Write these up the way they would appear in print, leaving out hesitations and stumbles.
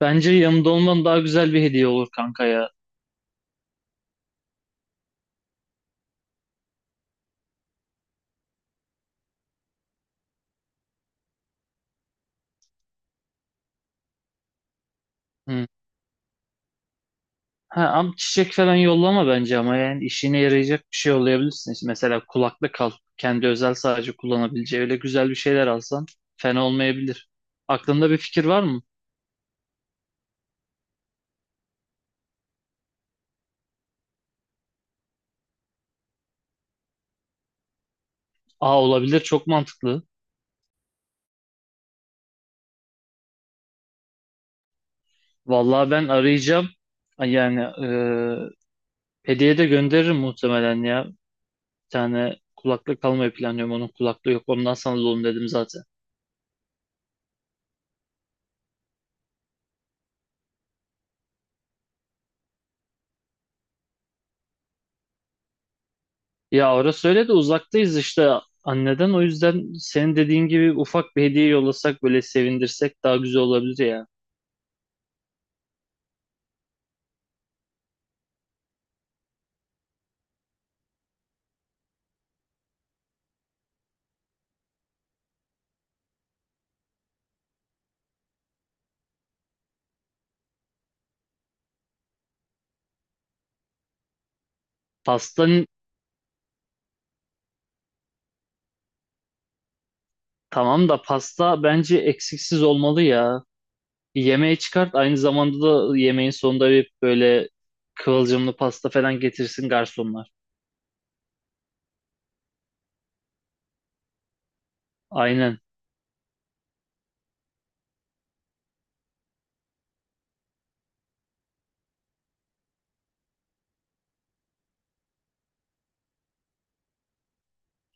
Bence yanımda olman daha güzel bir hediye olur kanka ya. Hı. Ha, ama çiçek falan yollama bence ama yani işine yarayacak bir şey yollayabilirsin. İşte mesela kulaklık al. Kendi özel sadece kullanabileceği öyle güzel bir şeyler alsan fena olmayabilir. Aklında bir fikir var mı? Aa olabilir, çok mantıklı. Vallahi ben arayacağım. Yani hediye de gönderirim muhtemelen ya. Bir tane kulaklık almayı planlıyorum. Onun kulaklığı yok. Ondan sana alalım dedim zaten. Ya orası öyle de uzaktayız işte anneden. O yüzden senin dediğin gibi ufak bir hediye yollasak, böyle sevindirsek daha güzel olabilir ya. Pasta tamam da pasta bence eksiksiz olmalı ya. Bir yemeği çıkart, aynı zamanda da yemeğin sonunda bir böyle kıvılcımlı pasta falan getirsin garsonlar. Aynen.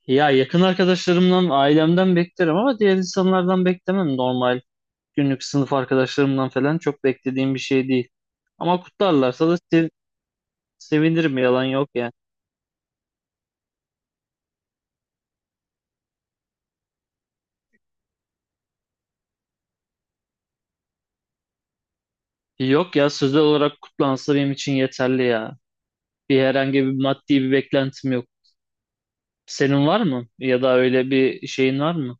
Ya yakın arkadaşlarımdan, ailemden beklerim ama diğer insanlardan beklemem, normal. Günlük sınıf arkadaşlarımdan falan çok beklediğim bir şey değil. Ama kutlarlarsa da sevinirim, yalan yok ya. Yok ya, sözel olarak kutlansa benim için yeterli ya. Bir herhangi bir maddi bir beklentim yok. Senin var mı? Ya da öyle bir şeyin var mı?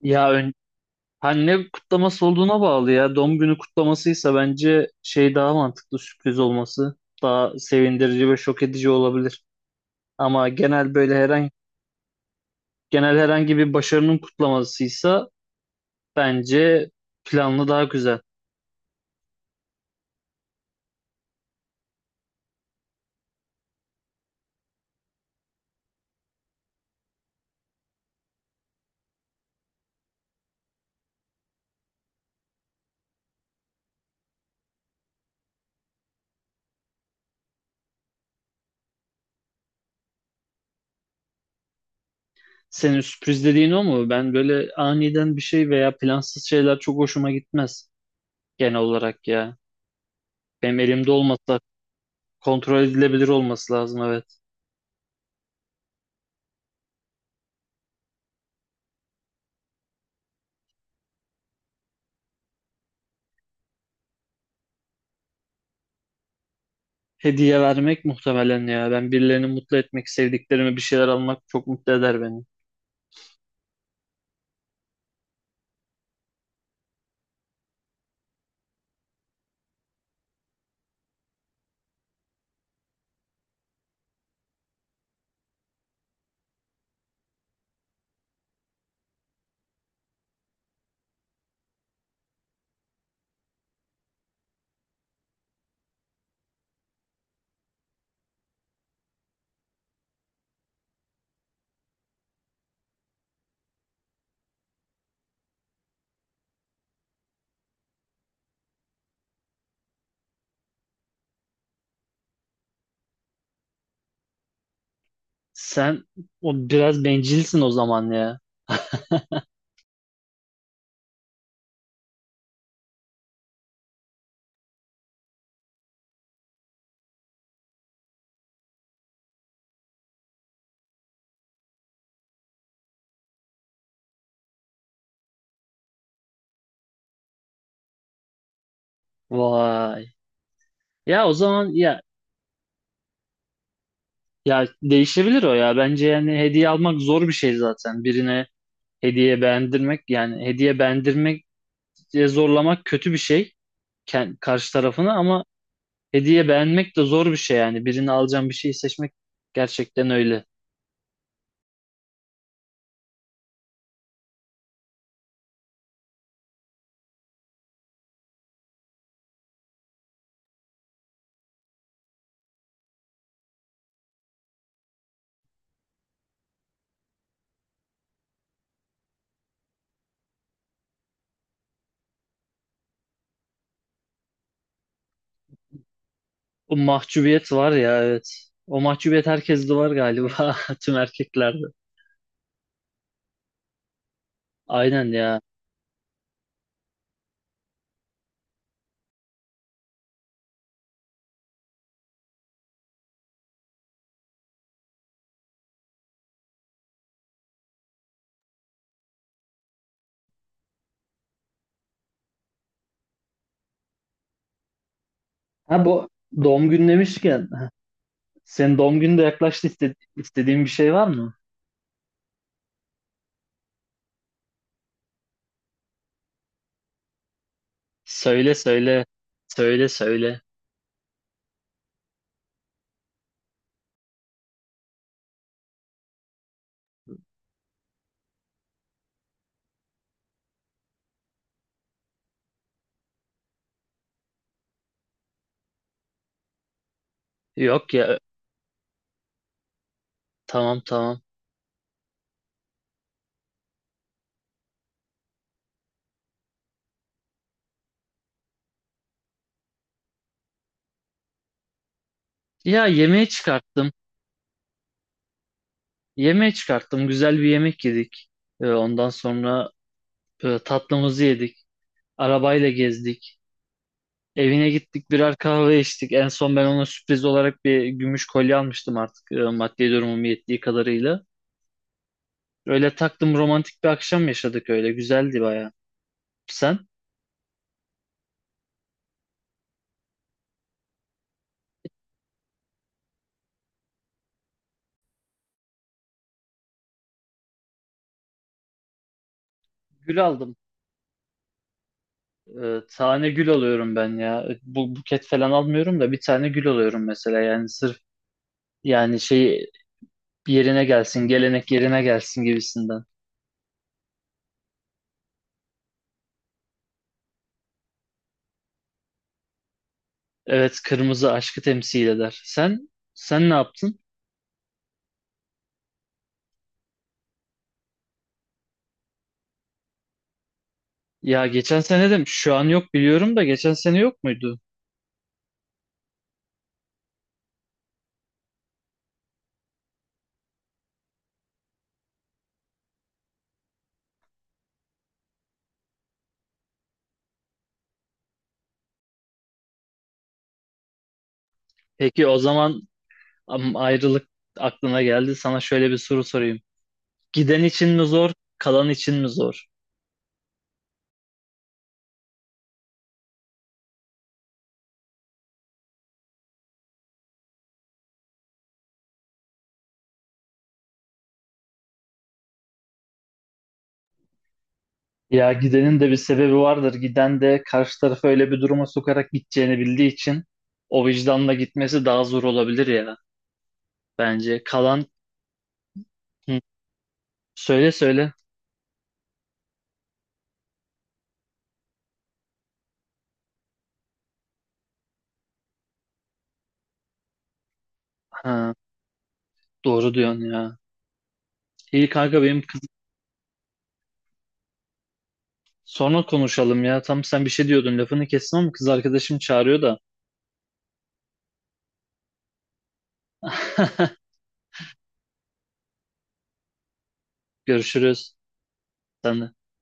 Ya ön... ha, ne kutlaması olduğuna bağlı ya. Doğum günü kutlamasıysa bence şey daha mantıklı, sürpriz olması. Daha sevindirici ve şok edici olabilir. Ama genel böyle herhangi genel herhangi bir başarının kutlamasıysa bence planlı daha güzel. Senin sürpriz dediğin o mu? Ben böyle aniden bir şey veya plansız şeyler çok hoşuma gitmez genel olarak ya. Benim elimde olmasa, kontrol edilebilir olması lazım, evet. Hediye vermek muhtemelen ya. Ben birilerini mutlu etmek, sevdiklerime bir şeyler almak çok mutlu eder beni. Sen o biraz bencilsin o zaman ya. Vay. Ya o zaman ya, ya değişebilir o ya. Bence yani hediye almak zor bir şey zaten. Birine hediye beğendirmek, yani hediye beğendirmek diye zorlamak kötü bir şey. Ken- karşı tarafını ama hediye beğenmek de zor bir şey yani. Birini alacağım bir şeyi seçmek gerçekten öyle. O mahcubiyet var ya, evet. O mahcubiyet herkeste var galiba, tüm erkeklerde. Aynen ya. Ha bu doğum günü demişken heh, senin doğum günü de yaklaştı. İste- istediğin bir şey var mı? Söyle söyle. Söyle söyle. Yok ya, tamam tamam. Ya yemeğe çıkarttım. Yemeğe çıkarttım. Güzel bir yemek yedik. Ondan sonra tatlımızı yedik. Arabayla gezdik. Evine gittik, birer kahve içtik. En son ben ona sürpriz olarak bir gümüş kolye almıştım artık, maddi durumum yettiği kadarıyla. Öyle taktım, romantik bir akşam yaşadık öyle. Güzeldi baya. Sen? Gül aldım. E, tane gül alıyorum ben ya. E, bu buket falan almıyorum da bir tane gül alıyorum mesela. Yani sırf yani şey yerine gelsin, gelenek yerine gelsin gibisinden. Evet, kırmızı aşkı temsil eder. Sen ne yaptın? Ya geçen sene de şu an yok biliyorum da geçen sene yok muydu? Peki o zaman am- ayrılık aklına geldi. Sana şöyle bir soru sorayım. Giden için mi zor, kalan için mi zor? Ya gidenin de bir sebebi vardır. Giden de karşı tarafı öyle bir duruma sokarak gideceğini bildiği için o vicdanla gitmesi daha zor olabilir ya bence. Kalan. Hı. Söyle söyle. Ha, doğru diyorsun ya. İyi kanka, benim kız sonra konuşalım ya. Tam sen bir şey diyordun lafını kestim ama kız arkadaşım çağırıyor da. Görüşürüz. Sen de.